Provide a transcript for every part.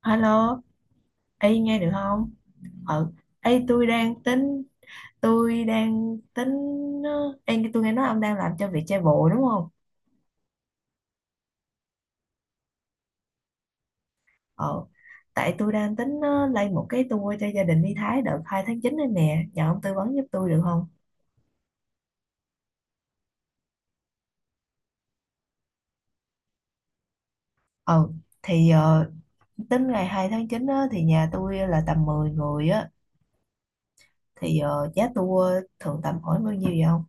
Alo, y nghe được không? Ừ, ê tôi đang tính ờ, em tôi nghe nói ông đang làm cho việc chạy bộ đúng không? Ờ, tại tôi đang tính lên một cái tour cho gia đình đi Thái đợt 2/9 này nè, nhờ ông tư vấn giúp tôi được không? Ừ, thì tính ngày 2/9 á, thì nhà tôi là tầm 10 người á, thì giá tour thường tầm khoảng bao nhiêu vậy không?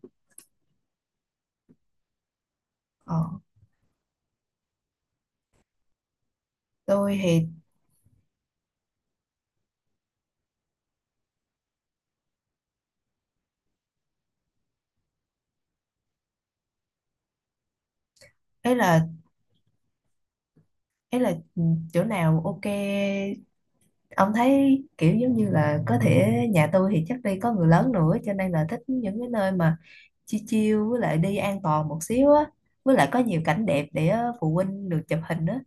Ờ, tôi thì ấy là ấy là chỗ nào ok ông thấy kiểu giống như là có thể nhà tôi thì chắc đi có người lớn nữa cho nên là thích những cái nơi mà chill chill với lại đi an toàn một xíu á, với lại có nhiều cảnh đẹp để phụ huynh được chụp hình á.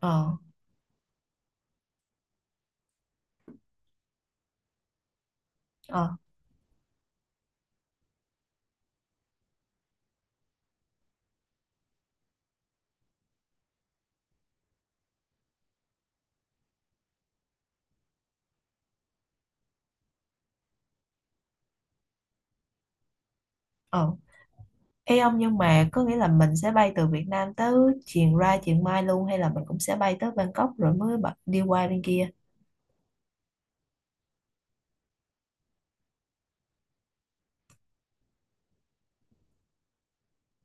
Ờ. Ờ. Ờ. Ê ông, nhưng mà có nghĩa là mình sẽ bay từ Việt Nam tới chiều ra chiều mai luôn, hay là mình cũng sẽ bay tới Bangkok rồi mới đi qua bên kia?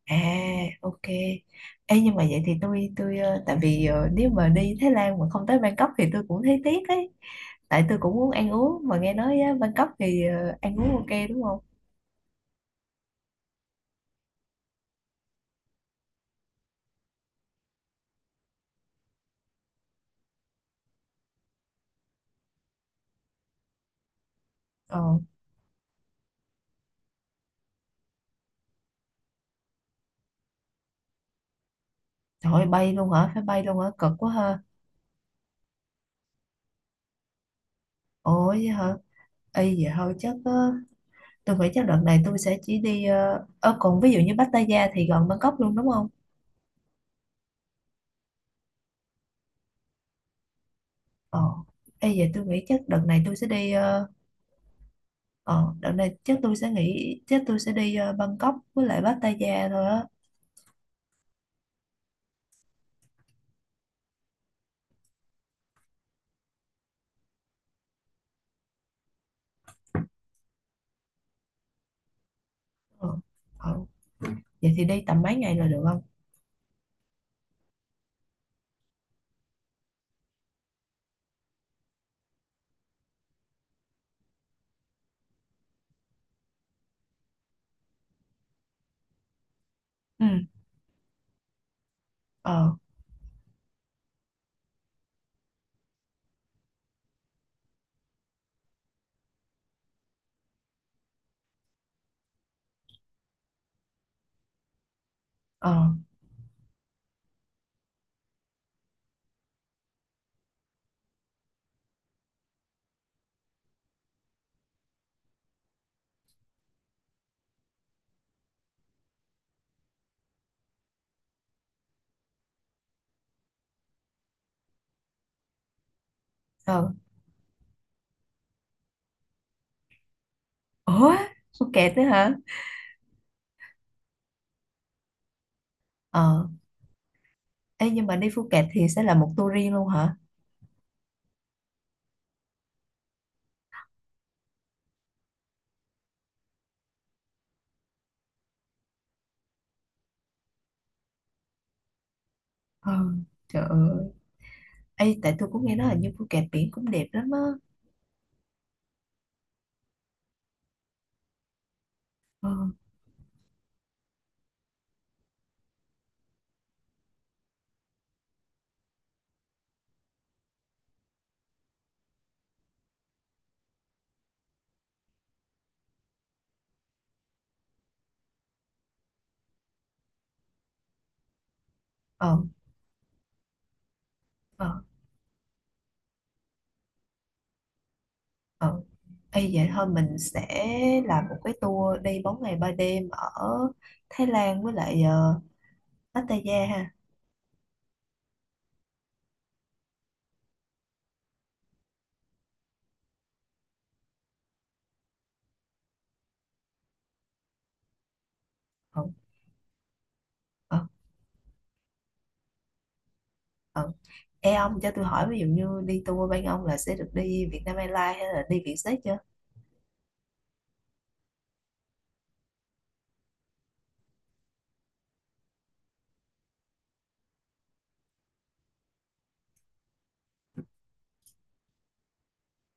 À, ok. Ê, nhưng mà vậy thì tôi tại vì nếu mà đi Thái Lan mà không tới Bangkok thì tôi cũng thấy tiếc ấy. Tại tôi cũng muốn ăn uống, mà nghe nói á, Bangkok thì ăn uống ok đúng không? Ờ, trời ơi, bay luôn hả? Phải bay luôn hả? Cực quá ha. Ủa vậy hả? Ê, vậy thôi chắc tôi nghĩ chắc đợt này tôi sẽ chỉ đi còn ví dụ như Pattaya thì gần Bangkok luôn đúng không? Ờ. Ê, vậy tôi nghĩ chắc đợt này tôi sẽ đi. Ờ, Ờ, đợt này chắc tôi sẽ nghỉ, chắc tôi sẽ đi Bangkok với lại Pattaya thôi á. Ờ. Ờ. Vậy thì đi tầm mấy ngày là được không? Ừ. Ờ. Ờ. Ờ. Ủa, Phuket nữa hả? Ờ, ê, nhưng mà đi Phuket thì sẽ là một tour riêng luôn hả? Ờ, trời ơi. Ê, tại tôi cũng nghe nói là như Phuket biển cũng đẹp lắm á. Ờ. Ờ. Ờ. Ờ. Ê, vậy thôi mình sẽ làm một cái tour đi 4 ngày 3 đêm ở Thái Lan với lại Pattaya ha. Ờ. Ờ. Ờ. Ê ông cho tôi hỏi, ví dụ như đi tour bên ông là sẽ được đi Vietnam Airlines hay là đi Vietjet chưa?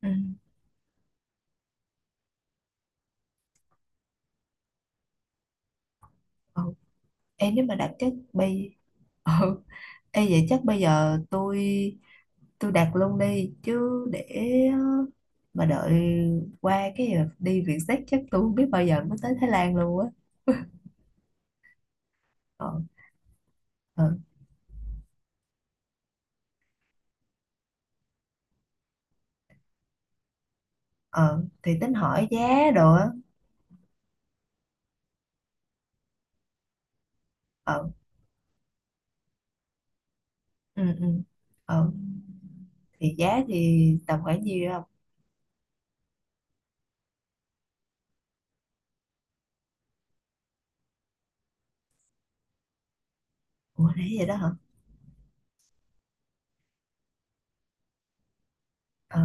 Ừ. Ừ. Ê nếu mà đặt chắc bây. Ừ. Ê vậy chắc bây giờ tôi đặt luôn đi chứ, để ờ, mà đợi qua cái giờ đi Vietjet chắc tôi không biết bao giờ mới tới Thái Lan luôn á. Ờ. Ờ. Ờ thì tính hỏi giá đồ á. Ờ. Ừ. Ừ. Ờ thì giá thì tầm khoảng nhiêu không? Ủa nãy vậy đó hả? Ờ.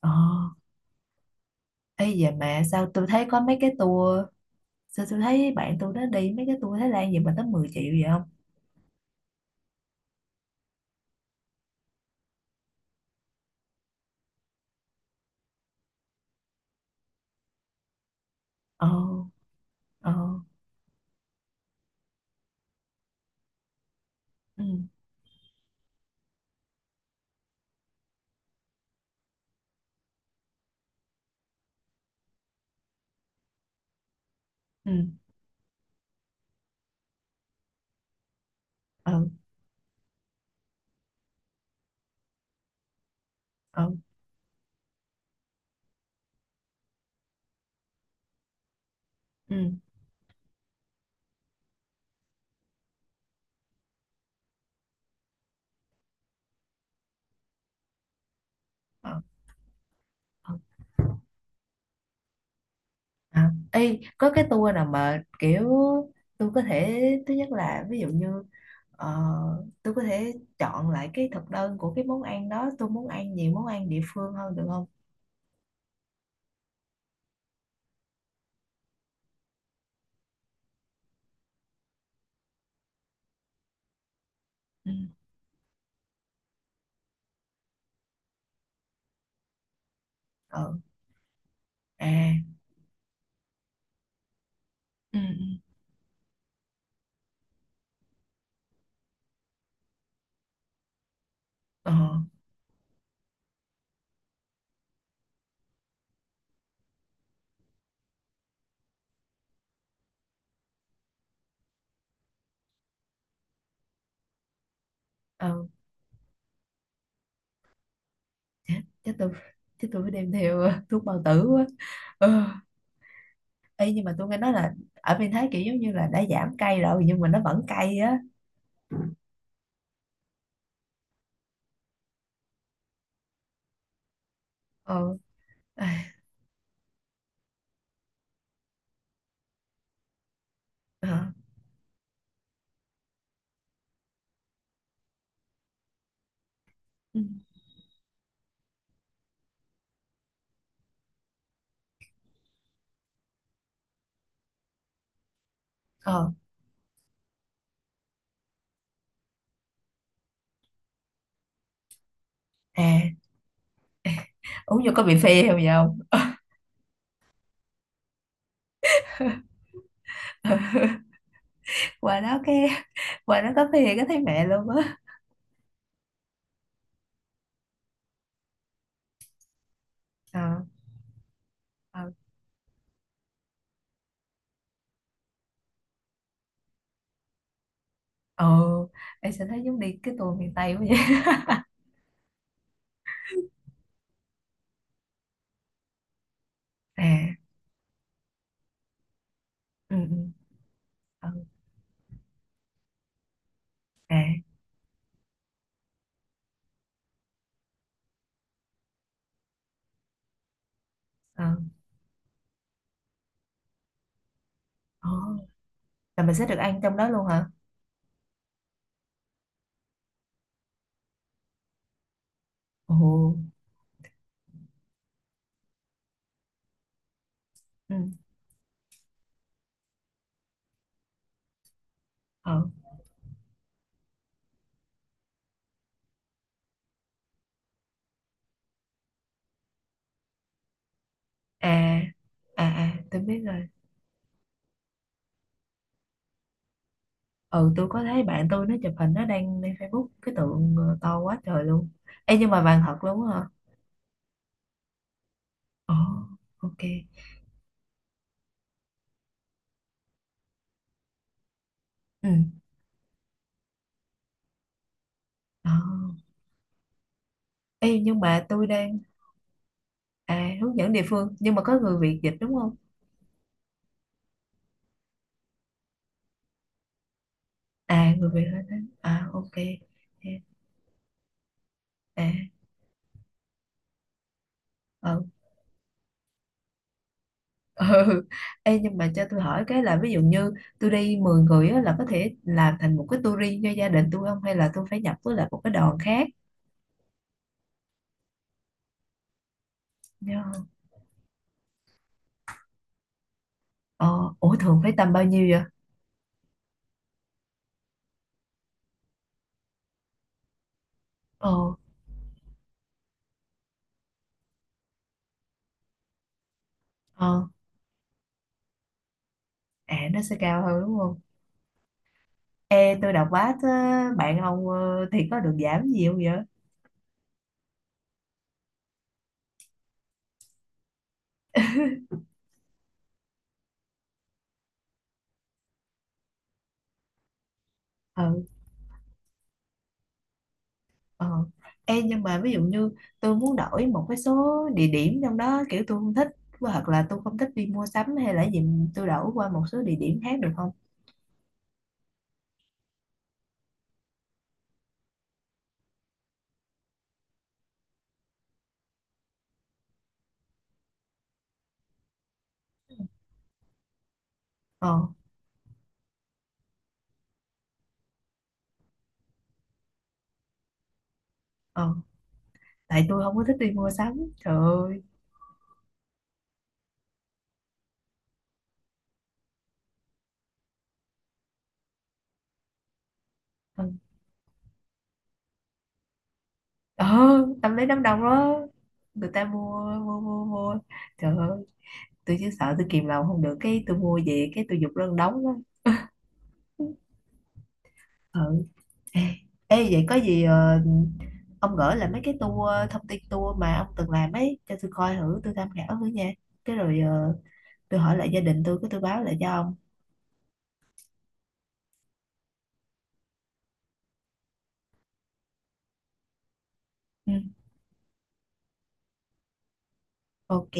Ờ. Ê vậy mà sao tôi thấy có mấy cái tour. Sao tôi thấy bạn tôi nó đi mấy cái tour Thái Lan gì mà tới 10 triệu vậy không? Ờ. Ờ. Ừ. Ừ. Ừ. Ừ. Ừ. Ờ. Ờ, à. Ê có cái tour nào mà kiểu tôi có thể. Thứ nhất là ví dụ như ờ, tôi có thể chọn lại cái thực đơn của cái món ăn đó. Tôi muốn ăn nhiều món ăn địa phương hơn được không? Ừ. Ừ. À. Ừ. Ừ. Ờ. Ừ. Chắc, chắc tôi Chắc tôi phải đem theo thuốc bao tử quá. Ừ. Ê, nhưng mà tôi nghe nói là ở bên Thái kiểu giống như là đã giảm cay rồi nhưng mà nó vẫn cay á. Ờ. À. Ờ. Ừ. Ờ. À, uống vô có bị phê không vậy không? qua đó cái Qua đó có phê cái thấy mẹ luôn á. Ờ. Ờ. Ờ. Em sẽ thấy giống đi cái tour miền Tây quá vậy. À. Ừ. Ừ. Ờ. À. Ờ. Ờ. Là mình sẽ được ăn trong đó luôn hả? Ồ. Ừ. Ờ. À. À. À. Tôi biết rồi. Ừ, tôi có thấy bạn tôi nó chụp hình nó đăng lên Facebook cái tượng to quá trời luôn. Ê nhưng mà vàng thật luôn á hả? Ồ. Ok. Ừ. Ờ. Ê nhưng mà tôi đang. À, hướng dẫn địa phương nhưng mà có người Việt dịch đúng không? À người Việt lên đó à, ok. À. Ừ. Ừ. Ê nhưng mà cho tôi hỏi cái là, ví dụ như tôi đi 10 người á là có thể làm thành một cái tour cho gia đình tôi không, hay là tôi phải nhập với lại một cái đoàn khác? Dạ. Ờ, ủa thường phải tầm bao nhiêu vậy? Ờ. Ờ. À nó sẽ cao hơn đúng không? Ê tôi đọc báo thế, bạn ông thì có được giảm gì không vậy? Ừ. Ờ. Ê nhưng mà ví dụ như tôi muốn đổi một cái số địa điểm trong đó, kiểu tôi không thích hoặc là tôi không thích đi mua sắm hay là gì, tôi đổi qua một số địa điểm khác được không? Ờ. Ờ. Tại tôi không có thích đi mua sắm. Trời ơi. Ừ. Ờ. Tâm lý đám đông đó. Người ta mua mua mua mua. Trời ơi, tôi chỉ sợ tôi kìm lòng không được cái tôi mua về cái tôi giục lân đóng đó. Ừ. Ê, ê, vậy có gì ông gửi lại mấy cái tour, thông tin tour mà ông từng làm ấy cho tôi coi thử, tôi tham khảo thử nha. Cái rồi tôi hỏi lại gia đình tôi cái tôi báo lại cho ông. Ừ, ok.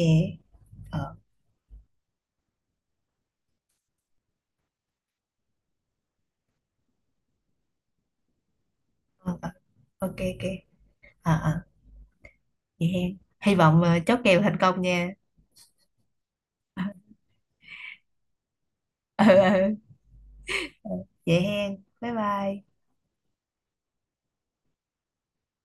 Ờ. Ờ. Ờ. Ok ok. À. À. Vậy hen, hy vọng chốt kèo thành công nha. Ừ, ừ. Ờ, vậy hen bye bye.